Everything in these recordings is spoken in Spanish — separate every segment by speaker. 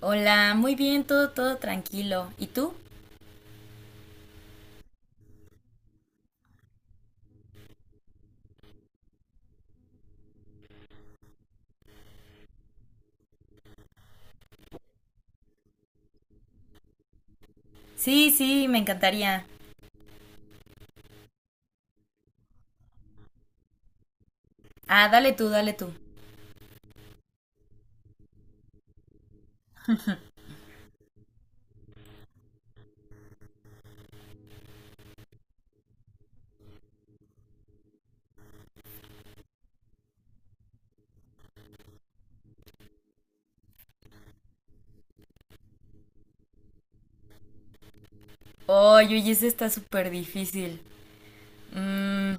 Speaker 1: Hola, muy bien, todo tranquilo. ¿Y tú? Sí, me encantaría. Ah, dale tú. Oye, ese está súper difícil. Mm,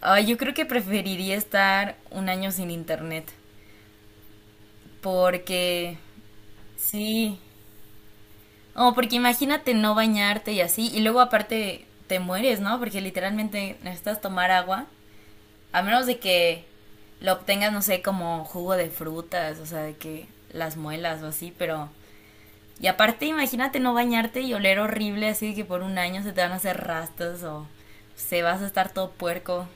Speaker 1: ay, yo creo que preferiría estar un año sin internet. Porque, sí. Oh, porque imagínate no bañarte y así. Y luego aparte te mueres, ¿no? Porque literalmente necesitas tomar agua. A menos de que lo obtengas, no sé, como jugo de frutas, o sea, de que las muelas o así, pero y aparte, imagínate no bañarte y oler horrible, así que por un año se te van a hacer rastas o se vas a estar todo puerco.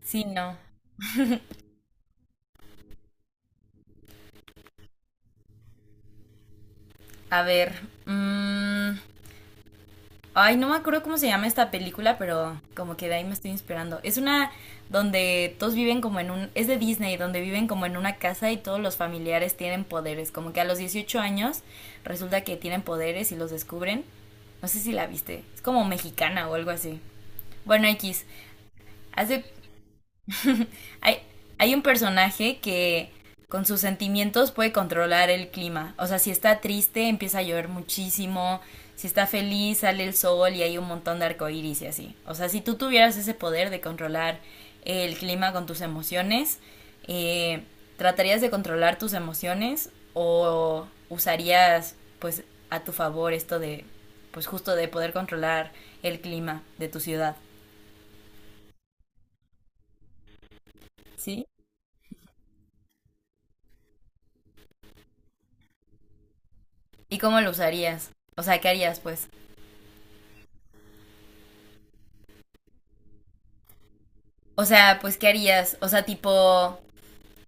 Speaker 1: Sí, no. A ver. mm, Ay, no me acuerdo cómo se llama esta película, pero como que de ahí me estoy inspirando. Es una donde todos viven como en un... Es de Disney, donde viven como en una casa y todos los familiares tienen poderes. Como que a los 18 años resulta que tienen poderes y los descubren. No sé si la viste. Es como mexicana o algo así. Bueno, X. Hace Hay, hay un personaje que con sus sentimientos puede controlar el clima. O sea, si está triste, empieza a llover muchísimo. Si está feliz, sale el sol y hay un montón de arcoíris y así. O sea, si tú tuvieras ese poder de controlar el clima con tus emociones, eh, ¿tratarías de controlar tus emociones o usarías, pues, a tu favor esto de, pues, justo de poder controlar el clima de tu ciudad? ¿Sí? ¿Y cómo lo usarías? O sea, ¿qué harías, pues? O sea, pues, ¿qué harías? O sea, tipo,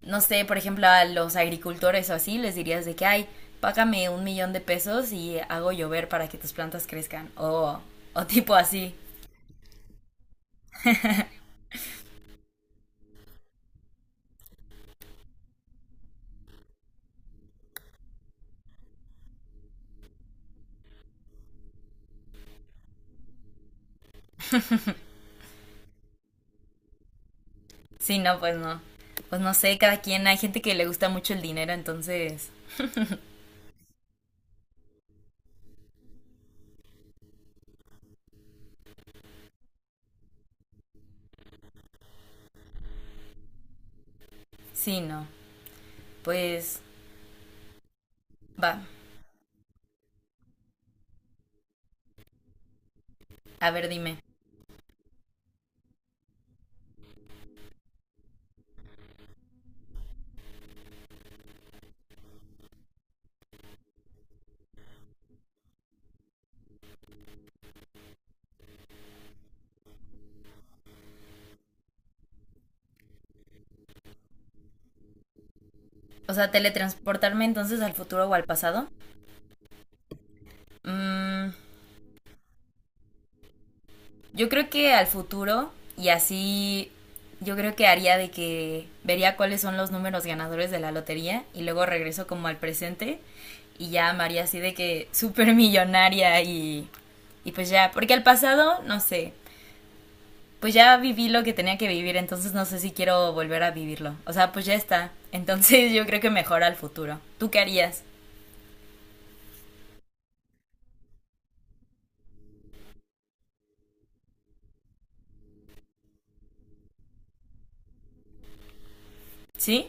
Speaker 1: no sé, por ejemplo, a los agricultores o así, les dirías de que, ay, págame 1.000.000 de pesos y hago llover para que tus plantas crezcan. O tipo así. Sí, no, pues no. Pues no sé, cada quien, hay gente que le gusta mucho el dinero, entonces, sí, no. Pues, va, a ver, dime. O sea, teletransportarme entonces al futuro o al pasado. Mm, Yo creo que al futuro, y así yo creo que haría de que vería cuáles son los números ganadores de la lotería y luego regreso como al presente y ya me haría así de que súper millonaria y pues ya, porque al pasado, no sé, pues ya viví lo que tenía que vivir, entonces no sé si quiero volver a vivirlo. O sea, pues ya está. Entonces yo creo que mejor al futuro. ¿Tú qué harías? ¿Sí?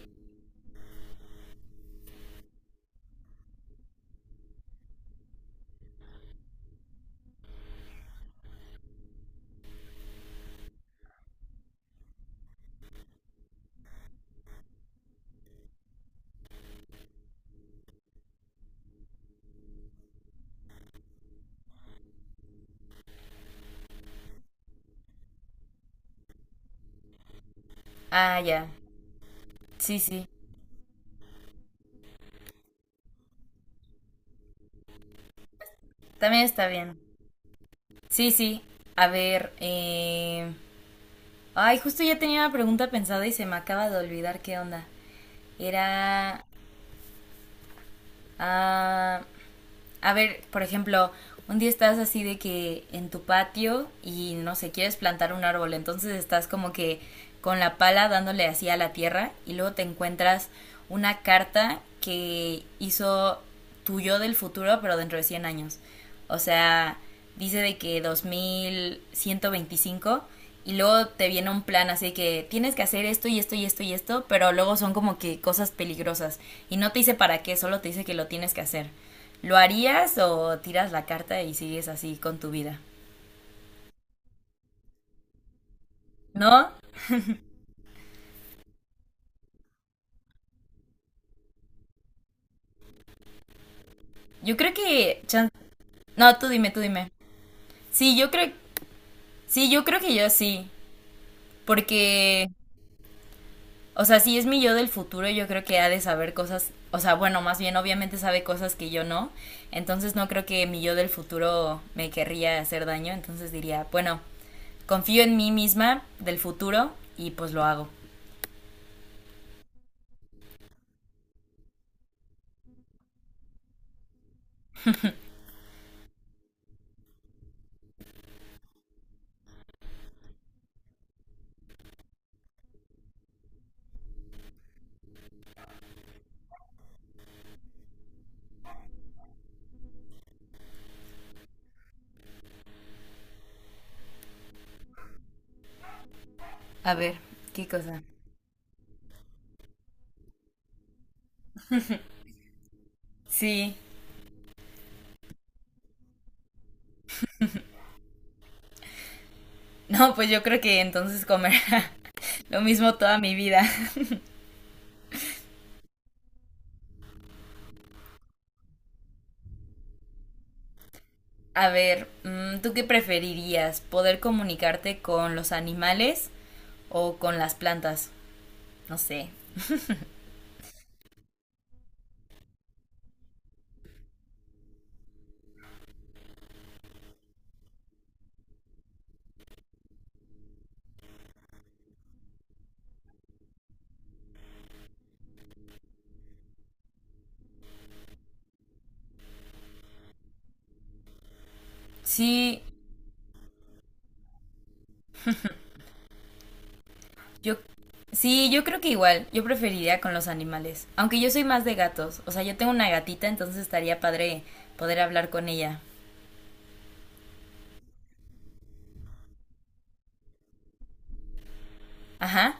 Speaker 1: Ah, ya. Sí, sí. También está bien. Sí, sí. A ver, Ay, justo ya tenía una pregunta pensada y se me acaba de olvidar qué onda. Era... ah, a ver, por ejemplo, un día estás así de que en tu patio y no sé, quieres plantar un árbol, entonces estás como que con la pala dándole así a la tierra y luego te encuentras una carta que hizo tu yo del futuro, pero dentro de 100 años. O sea, dice de que 2125 y luego te viene un plan así que tienes que hacer esto y esto y esto y esto, pero luego son como que cosas peligrosas y no te dice para qué, solo te dice que lo tienes que hacer. ¿Lo harías o tiras la carta y sigues así con tu vida? ¿No? Yo creo que chan- no, tú dime. Sí, yo creo sí, yo creo que yo sí, porque o sea, si es mi yo del futuro, yo creo que ha de saber cosas, o sea, bueno, más bien obviamente sabe cosas que yo no, entonces no creo que mi yo del futuro me querría hacer daño, entonces diría, bueno, confío en mí misma del futuro y pues lo hago. A ver, ¿qué cosa? Sí, no, pues yo creo que entonces comer lo mismo toda mi vida. A ver, ¿tú qué preferirías? ¿Poder comunicarte con los animales o con las plantas? No sé. Sí, Yo, sí, yo creo que igual, yo preferiría con los animales, aunque yo soy más de gatos, o sea, yo tengo una gatita, entonces estaría padre poder hablar con ella. Ajá.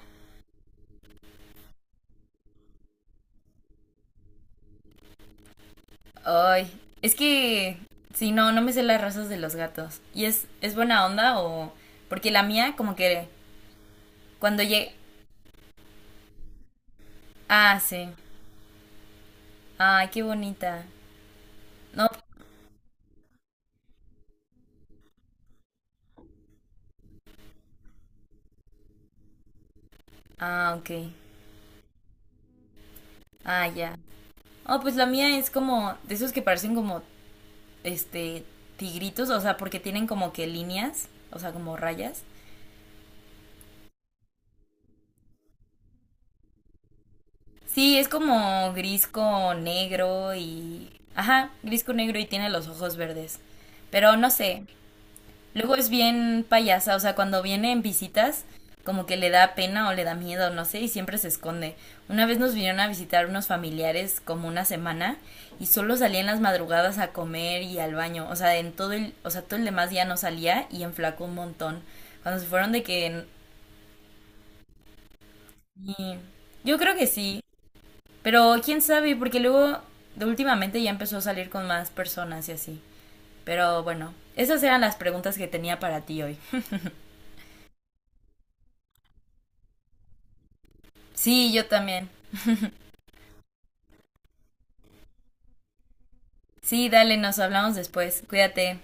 Speaker 1: Ay, es que, sí, no, no me sé las razas de los gatos. ¿Y es buena onda o...? Porque la mía, como que cuando llegue... Ah, sí. Ay, qué bonita. No. Ah, ok. Ah, ya. Oh, pues la mía es como de esos que parecen como, este, tigritos, o sea, porque tienen como que líneas, o sea, como rayas. Sí, es como gris con negro y... Ajá, gris con negro y tiene los ojos verdes. Pero no sé, luego es bien payasa, o sea, cuando viene en visitas, como que le da pena o le da miedo, no sé, y siempre se esconde. Una vez nos vinieron a visitar unos familiares como una semana y solo salía en las madrugadas a comer y al baño, o sea, en todo el, o sea, todo el demás día no salía y enflacó un montón. Cuando se fueron de que... y- Yo creo que sí, pero quién sabe, porque luego de últimamente ya empezó a salir con más personas y así. Pero bueno, esas eran las preguntas que tenía para ti hoy. Sí, yo también. Sí, dale, nos hablamos después. Cuídate.